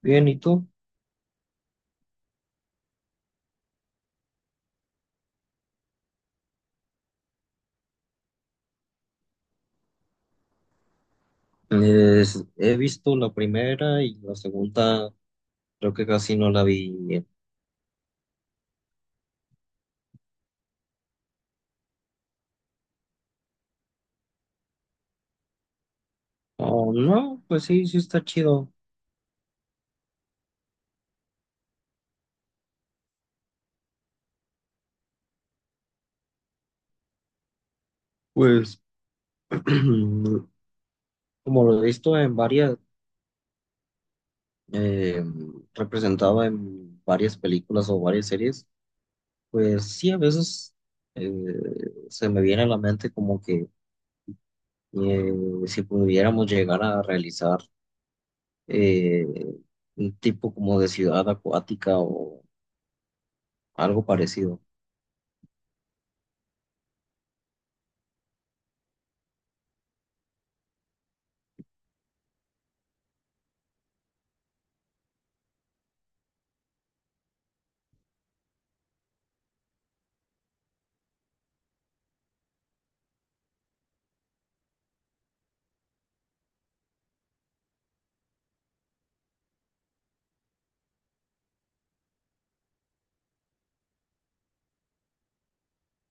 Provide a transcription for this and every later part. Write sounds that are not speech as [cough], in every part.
Bien, ¿y tú? He visto la primera y la segunda, creo que casi no la vi bien. Oh, no, pues sí, sí está chido. Pues, [clears throat] como lo he visto en varias, eh, representado en varias películas o varias series, pues sí, a veces eh, se me viene a la mente como que, eh, si pudiéramos llegar a realizar eh, un tipo como de ciudad acuática o algo parecido.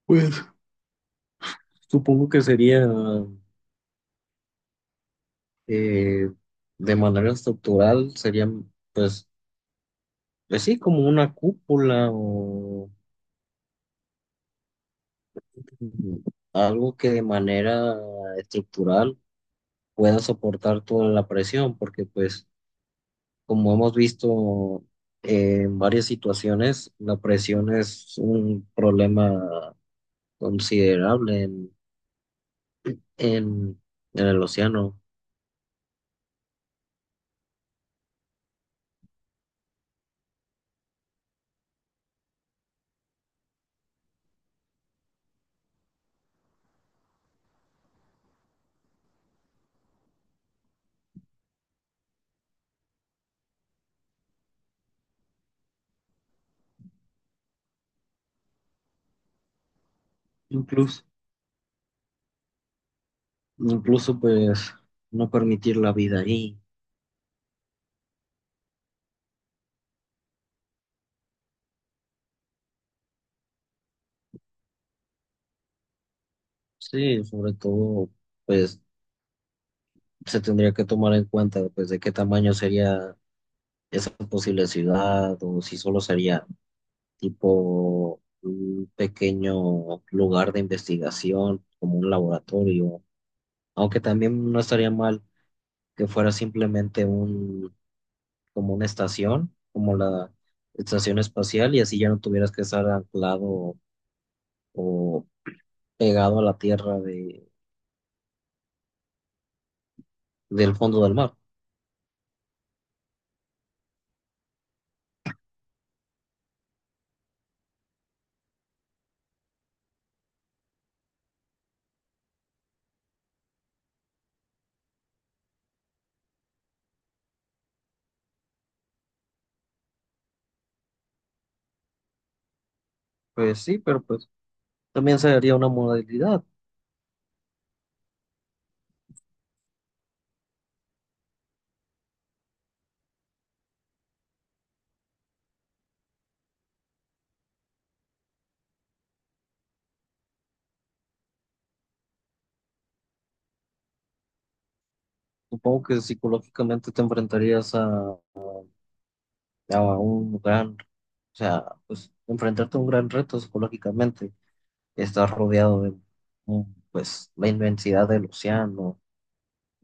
pues Supongo que sería, eh, de manera estructural, sería pues, pues sí, como una cúpula o algo que de manera estructural pueda soportar toda la presión, porque pues como hemos visto, en varias situaciones, la presión es un problema considerable en, en el océano, incluso, incluso pues no permitir la vida ahí. Sí, sobre todo, pues se tendría que tomar en cuenta, pues, de qué tamaño sería esa posible ciudad, o si solo sería tipo un pequeño lugar de investigación, como un laboratorio, aunque también no estaría mal que fuera simplemente un, como una estación, como la estación espacial, y así ya no tuvieras que estar anclado o pegado a la tierra de, del fondo del mar. Pues sí, pero pues... También sería una modalidad. Supongo que psicológicamente te enfrentarías a un gran, o sea, pues enfrentarte a un gran reto psicológicamente. Estás rodeado de, mm, pues, la inmensidad del océano,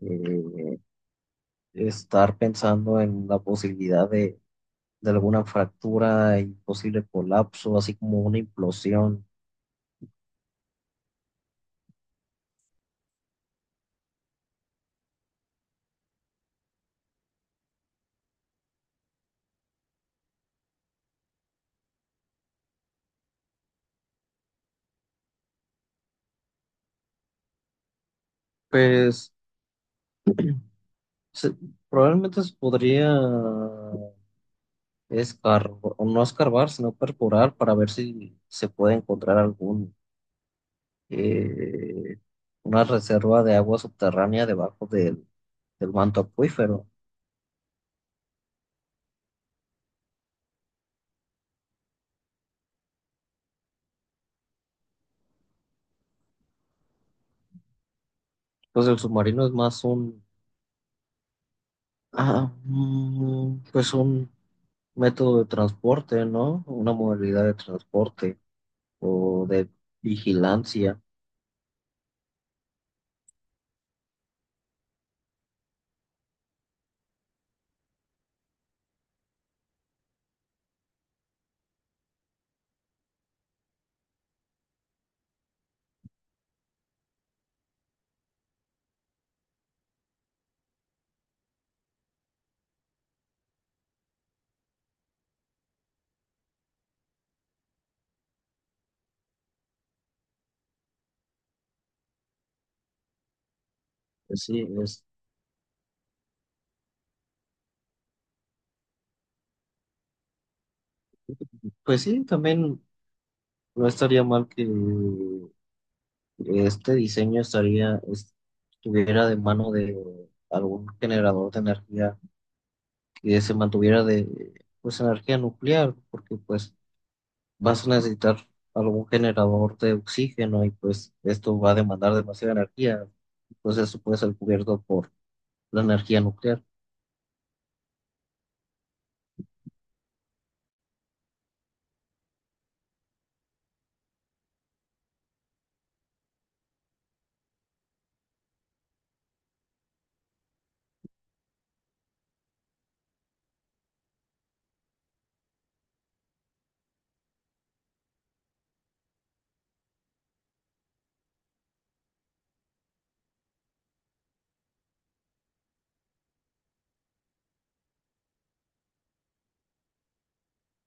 eh, estar pensando en la posibilidad de alguna fractura y posible colapso, así como una implosión. Pues se- probablemente se podría. Es car- no escarbar, sino perforar para ver si se puede encontrar algún, eh, una reserva de agua subterránea debajo del, del manto acuífero. Pues el submarino es más un, pues un método de transporte, ¿no? Una modalidad de transporte o de vigilancia. Pues sí, es, pues sí, también no estaría mal que este diseño estaría, estuviera de mano de algún generador de energía que se mantuviera de pues energía nuclear, porque pues vas a necesitar algún generador de oxígeno y pues esto va a demandar demasiada energía, pues eso puede ser cubierto por la energía nuclear.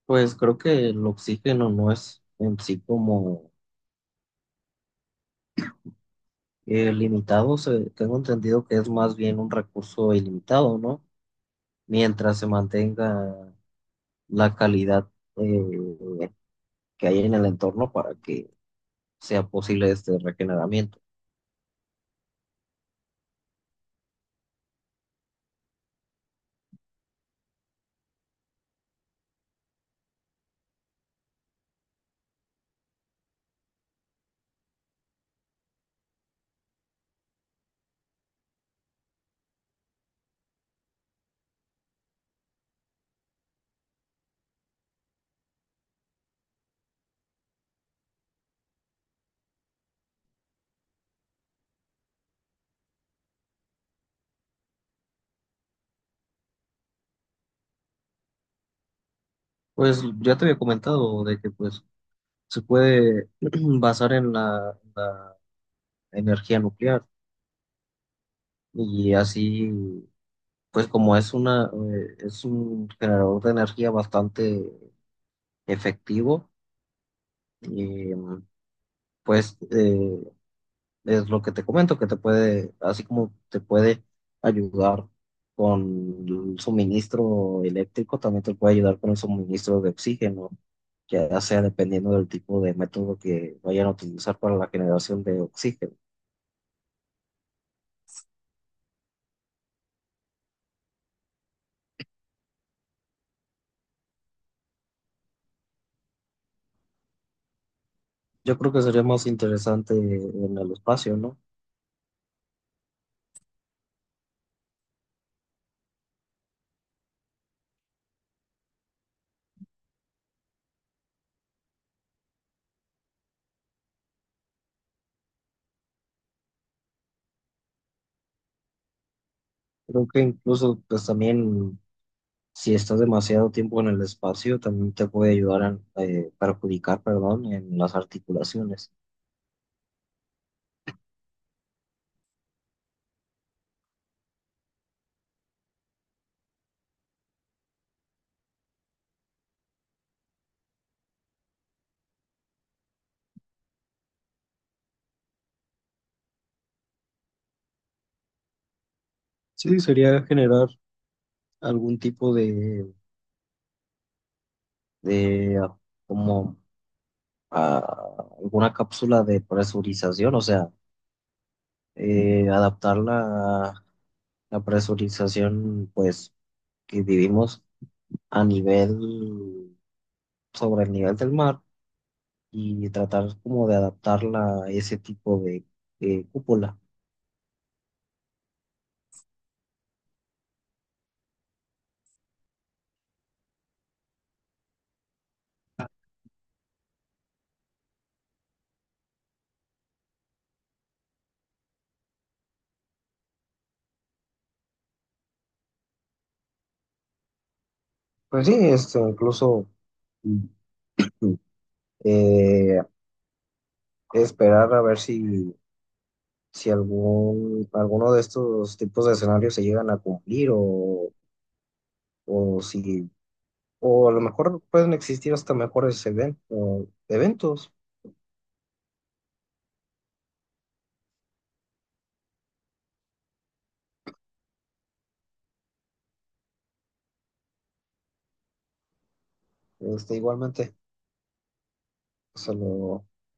Pues creo que el oxígeno no es en sí como, limitado, tengo entendido que es más bien un recurso ilimitado, ¿no? Mientras se mantenga la calidad, eh, que hay en el entorno para que sea posible este regeneramiento. Pues ya te había comentado de que pues se puede [clears throat] basar en la energía nuclear, y así pues como es una es un generador de energía bastante efectivo, eh, pues es lo que te comento, que te puede, así como te puede ayudar con el suministro eléctrico, también te puede ayudar con el suministro de oxígeno, ya sea dependiendo del tipo de método que vayan a utilizar para la generación de oxígeno. Yo creo que sería más interesante en el espacio, ¿no? Creo que incluso, pues también, si estás demasiado tiempo en el espacio, también te puede ayudar a perjudicar, perdón, en las articulaciones. Sí, sería generar algún tipo de como alguna cápsula de presurización, o sea, adaptar la presurización pues que vivimos a nivel, sobre el nivel del mar, y tratar como de adaptarla a ese tipo de cúpula. Pues sí, esto incluso, mm, eh, esperar a ver si, si algún, alguno de estos tipos de escenarios se llegan a cumplir, o si. O a lo mejor pueden existir hasta mejores o eventos, este, igualmente. O sea, lo,